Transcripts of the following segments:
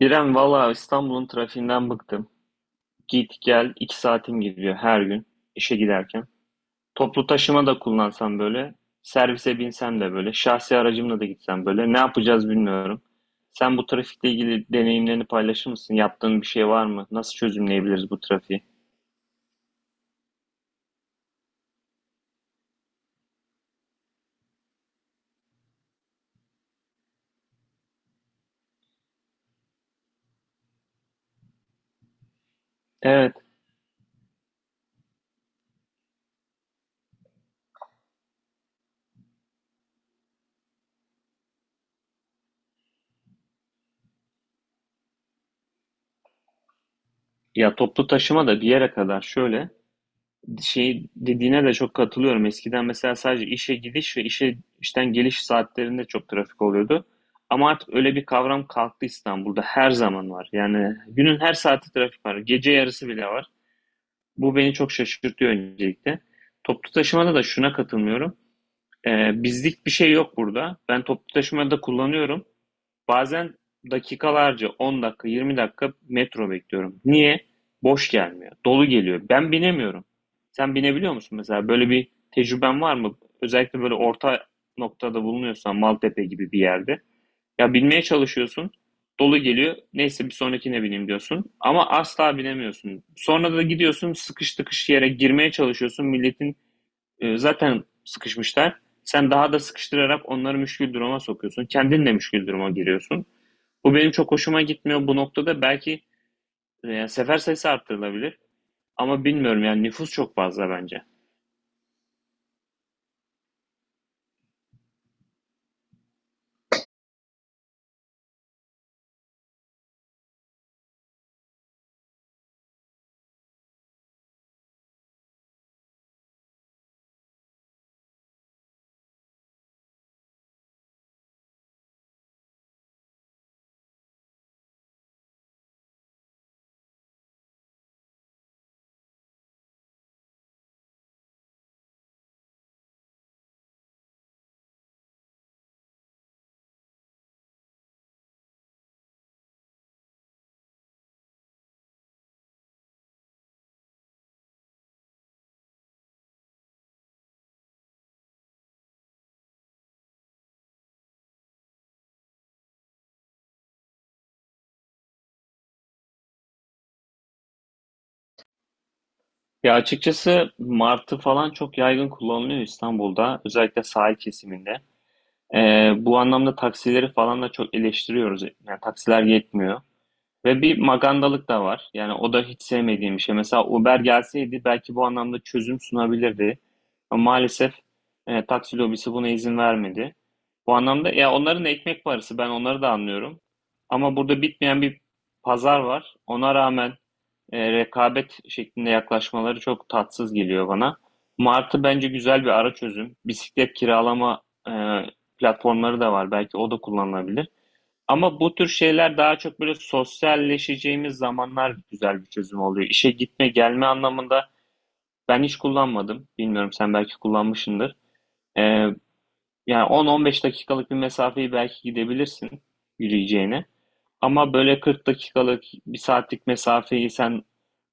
İrem valla İstanbul'un trafiğinden bıktım. Git gel iki saatim gidiyor her gün işe giderken. Toplu taşıma da kullansam böyle, servise binsem de böyle, şahsi aracımla da gitsem böyle. Ne yapacağız bilmiyorum. Sen bu trafikle ilgili deneyimlerini paylaşır mısın? Yaptığın bir şey var mı? Nasıl çözümleyebiliriz bu trafiği? Evet. Ya toplu taşıma da bir yere kadar şöyle. Şey dediğine de çok katılıyorum. Eskiden mesela sadece işe gidiş ve işten geliş saatlerinde çok trafik oluyordu. Ama artık öyle bir kavram kalktı İstanbul'da. Her zaman var. Yani günün her saati trafik var. Gece yarısı bile var. Bu beni çok şaşırtıyor öncelikle. Toplu taşımada da şuna katılmıyorum. Bizlik bir şey yok burada. Ben toplu taşımada kullanıyorum. Bazen dakikalarca 10 dakika, 20 dakika metro bekliyorum. Niye? Boş gelmiyor. Dolu geliyor. Ben binemiyorum. Sen binebiliyor musun mesela? Böyle bir tecrüben var mı? Özellikle böyle orta noktada bulunuyorsan Maltepe gibi bir yerde. Ya binmeye çalışıyorsun. Dolu geliyor. Neyse bir sonrakine bineyim diyorsun. Ama asla binemiyorsun. Sonra da gidiyorsun sıkış tıkış yere girmeye çalışıyorsun. Milletin zaten sıkışmışlar. Sen daha da sıkıştırarak onları müşkül duruma sokuyorsun. Kendin de müşkül duruma giriyorsun. Bu benim çok hoşuma gitmiyor bu noktada. Belki yani sefer sayısı arttırılabilir. Ama bilmiyorum yani nüfus çok fazla bence. Ya açıkçası martı falan çok yaygın kullanılıyor İstanbul'da. Özellikle sahil kesiminde. E, Bu anlamda taksileri falan da çok eleştiriyoruz. Yani taksiler yetmiyor. Ve bir magandalık da var. Yani o da hiç sevmediğim bir şey. Mesela Uber gelseydi belki bu anlamda çözüm sunabilirdi. Ama maalesef taksi lobisi buna izin vermedi. Bu anlamda ya onların ekmek parası ben onları da anlıyorum. Ama burada bitmeyen bir pazar var. Ona rağmen rekabet şeklinde yaklaşmaları çok tatsız geliyor bana. Martı bence güzel bir ara çözüm. Bisiklet kiralama e, platformları da var. Belki o da kullanılabilir. Ama bu tür şeyler daha çok böyle sosyalleşeceğimiz zamanlar güzel bir çözüm oluyor. İşe gitme gelme anlamında ben hiç kullanmadım. Bilmiyorum sen belki kullanmışsındır. Ee, Yani 10-15 dakikalık bir mesafeyi belki gidebilirsin yürüyeceğine. Ama böyle 40 dakikalık bir saatlik mesafeyi sen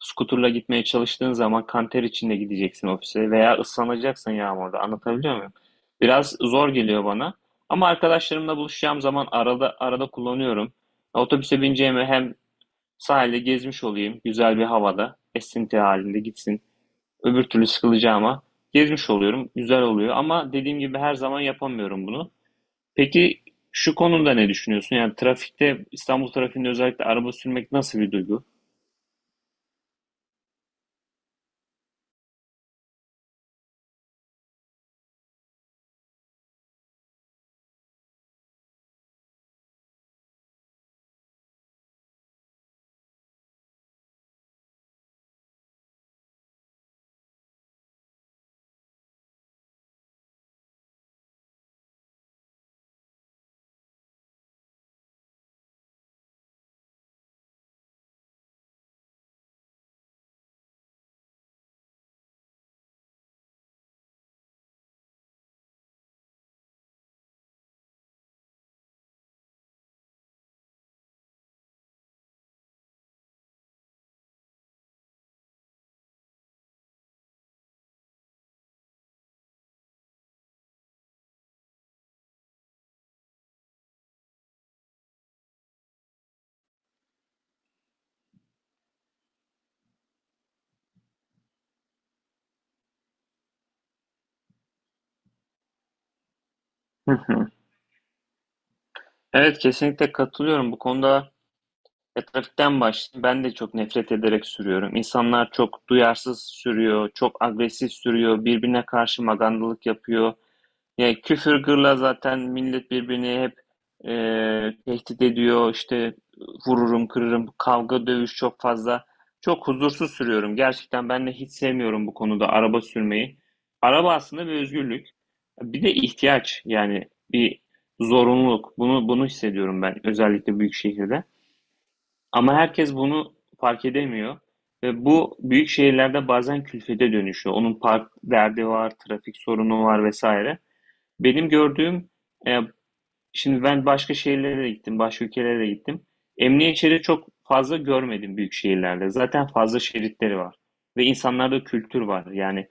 Scooter'la gitmeye çalıştığın zaman kanter içinde gideceksin ofise veya ıslanacaksın yağmurda. Anlatabiliyor muyum? Biraz zor geliyor bana. Ama arkadaşlarımla buluşacağım zaman arada arada kullanıyorum. Otobüse bineceğime hem sahilde gezmiş olayım, güzel bir havada, esinti halinde gitsin. Öbür türlü sıkılacağıma gezmiş oluyorum, güzel oluyor. Ama dediğim gibi her zaman yapamıyorum bunu. Peki şu konuda ne düşünüyorsun? Yani trafikte, İstanbul trafiğinde özellikle araba sürmek nasıl bir duygu? Hı hı. Evet, kesinlikle katılıyorum. Bu konuda ya, trafikten başlayayım. Ben de çok nefret ederek sürüyorum. İnsanlar çok duyarsız sürüyor, çok agresif sürüyor, birbirine karşı magandalık yapıyor. Yani küfür gırla zaten millet birbirini hep e, tehdit ediyor. İşte vururum, kırırım. Kavga, dövüş çok fazla. Çok huzursuz sürüyorum. Gerçekten ben de hiç sevmiyorum bu konuda araba sürmeyi. Araba aslında bir özgürlük. Bir de ihtiyaç yani bir zorunluluk. Bunu hissediyorum ben özellikle büyük şehirde. Ama herkes bunu fark edemiyor. Ve bu büyük şehirlerde bazen külfete dönüşüyor. Onun park derdi var, trafik sorunu var vesaire. Benim gördüğüm, eee, şimdi ben başka şehirlere de gittim, başka ülkelere de gittim. Emniyet şeridi çok fazla görmedim büyük şehirlerde. Zaten fazla şeritleri var. Ve insanlarda kültür var. Yani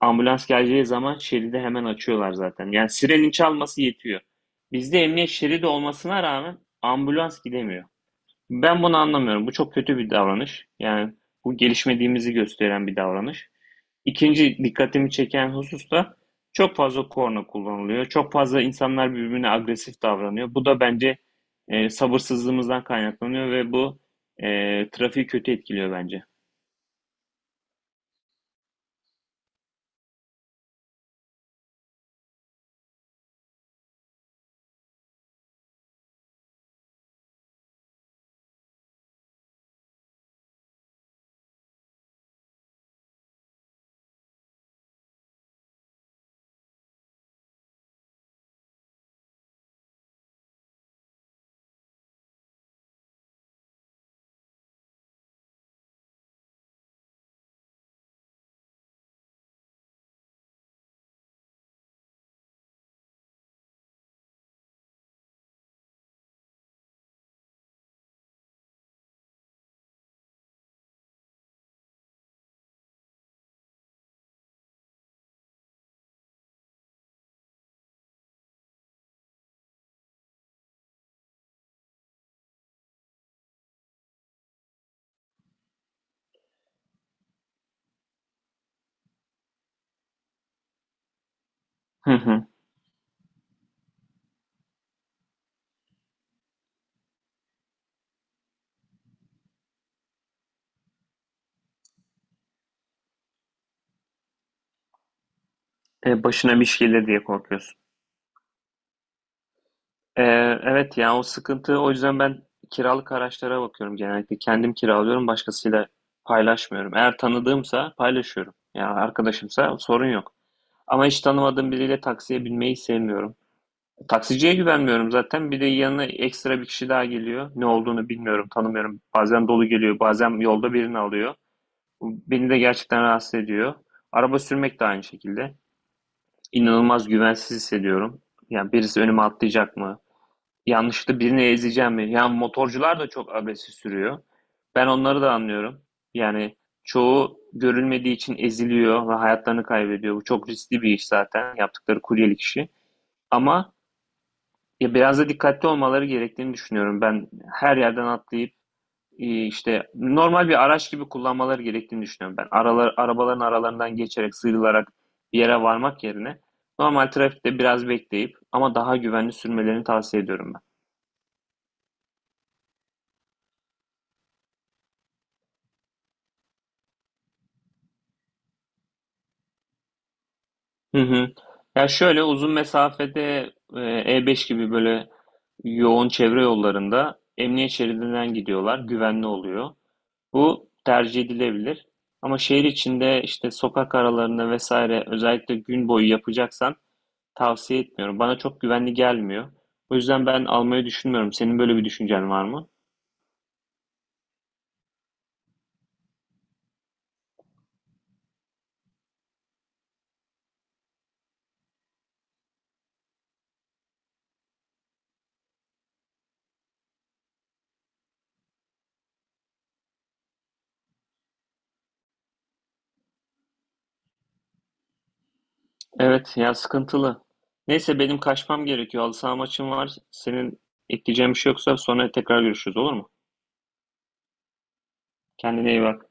ambulans geleceği zaman şeridi hemen açıyorlar zaten. Yani sirenin çalması yetiyor. Bizde emniyet şeridi olmasına rağmen ambulans gidemiyor. Ben bunu anlamıyorum. Bu çok kötü bir davranış. Yani bu gelişmediğimizi gösteren bir davranış. İkinci dikkatimi çeken husus da çok fazla korna kullanılıyor. Çok fazla insanlar birbirine agresif davranıyor. Bu da bence sabırsızlığımızdan kaynaklanıyor ve bu trafiği kötü etkiliyor bence. Hı hı. E, başına bir şey gelir diye korkuyorsun. Ee, evet, yani o sıkıntı o yüzden ben kiralık araçlara bakıyorum genellikle. Kendim kiralıyorum başkasıyla paylaşmıyorum. Eğer tanıdığımsa paylaşıyorum. Yani arkadaşımsa sorun yok. Ama hiç tanımadığım biriyle taksiye binmeyi sevmiyorum. Taksiciye güvenmiyorum zaten. Bir de yanına ekstra bir kişi daha geliyor. Ne olduğunu bilmiyorum, tanımıyorum. Bazen dolu geliyor, bazen yolda birini alıyor. Beni de gerçekten rahatsız ediyor. Araba sürmek de aynı şekilde. İnanılmaz güvensiz hissediyorum. Yani birisi önüme atlayacak mı? Yanlışlıkla birini ezeceğim mi? Yani motorcular da çok agresif sürüyor. Ben onları da anlıyorum. Yani çoğu görülmediği için eziliyor ve hayatlarını kaybediyor. Bu çok riskli bir iş zaten yaptıkları kuryelik işi. Ama ya biraz da dikkatli olmaları gerektiğini düşünüyorum. Ben her yerden atlayıp işte normal bir araç gibi kullanmaları gerektiğini düşünüyorum ben. Arabaların aralarından geçerek sıyrılarak bir yere varmak yerine normal trafikte biraz bekleyip ama daha güvenli sürmelerini tavsiye ediyorum ben. Hı hı. Ya şöyle uzun mesafede E5 gibi böyle yoğun çevre yollarında emniyet şeridinden gidiyorlar. Güvenli oluyor. Bu tercih edilebilir. Ama şehir içinde işte sokak aralarında vesaire özellikle gün boyu yapacaksan tavsiye etmiyorum. Bana çok güvenli gelmiyor. O yüzden ben almayı düşünmüyorum. Senin böyle bir düşüncen var mı? Evet, ya sıkıntılı. Neyse benim kaçmam gerekiyor. Halı saha maçım var. Senin ekleyeceğin bir şey yoksa sonra tekrar görüşürüz olur mu? Kendine iyi bak.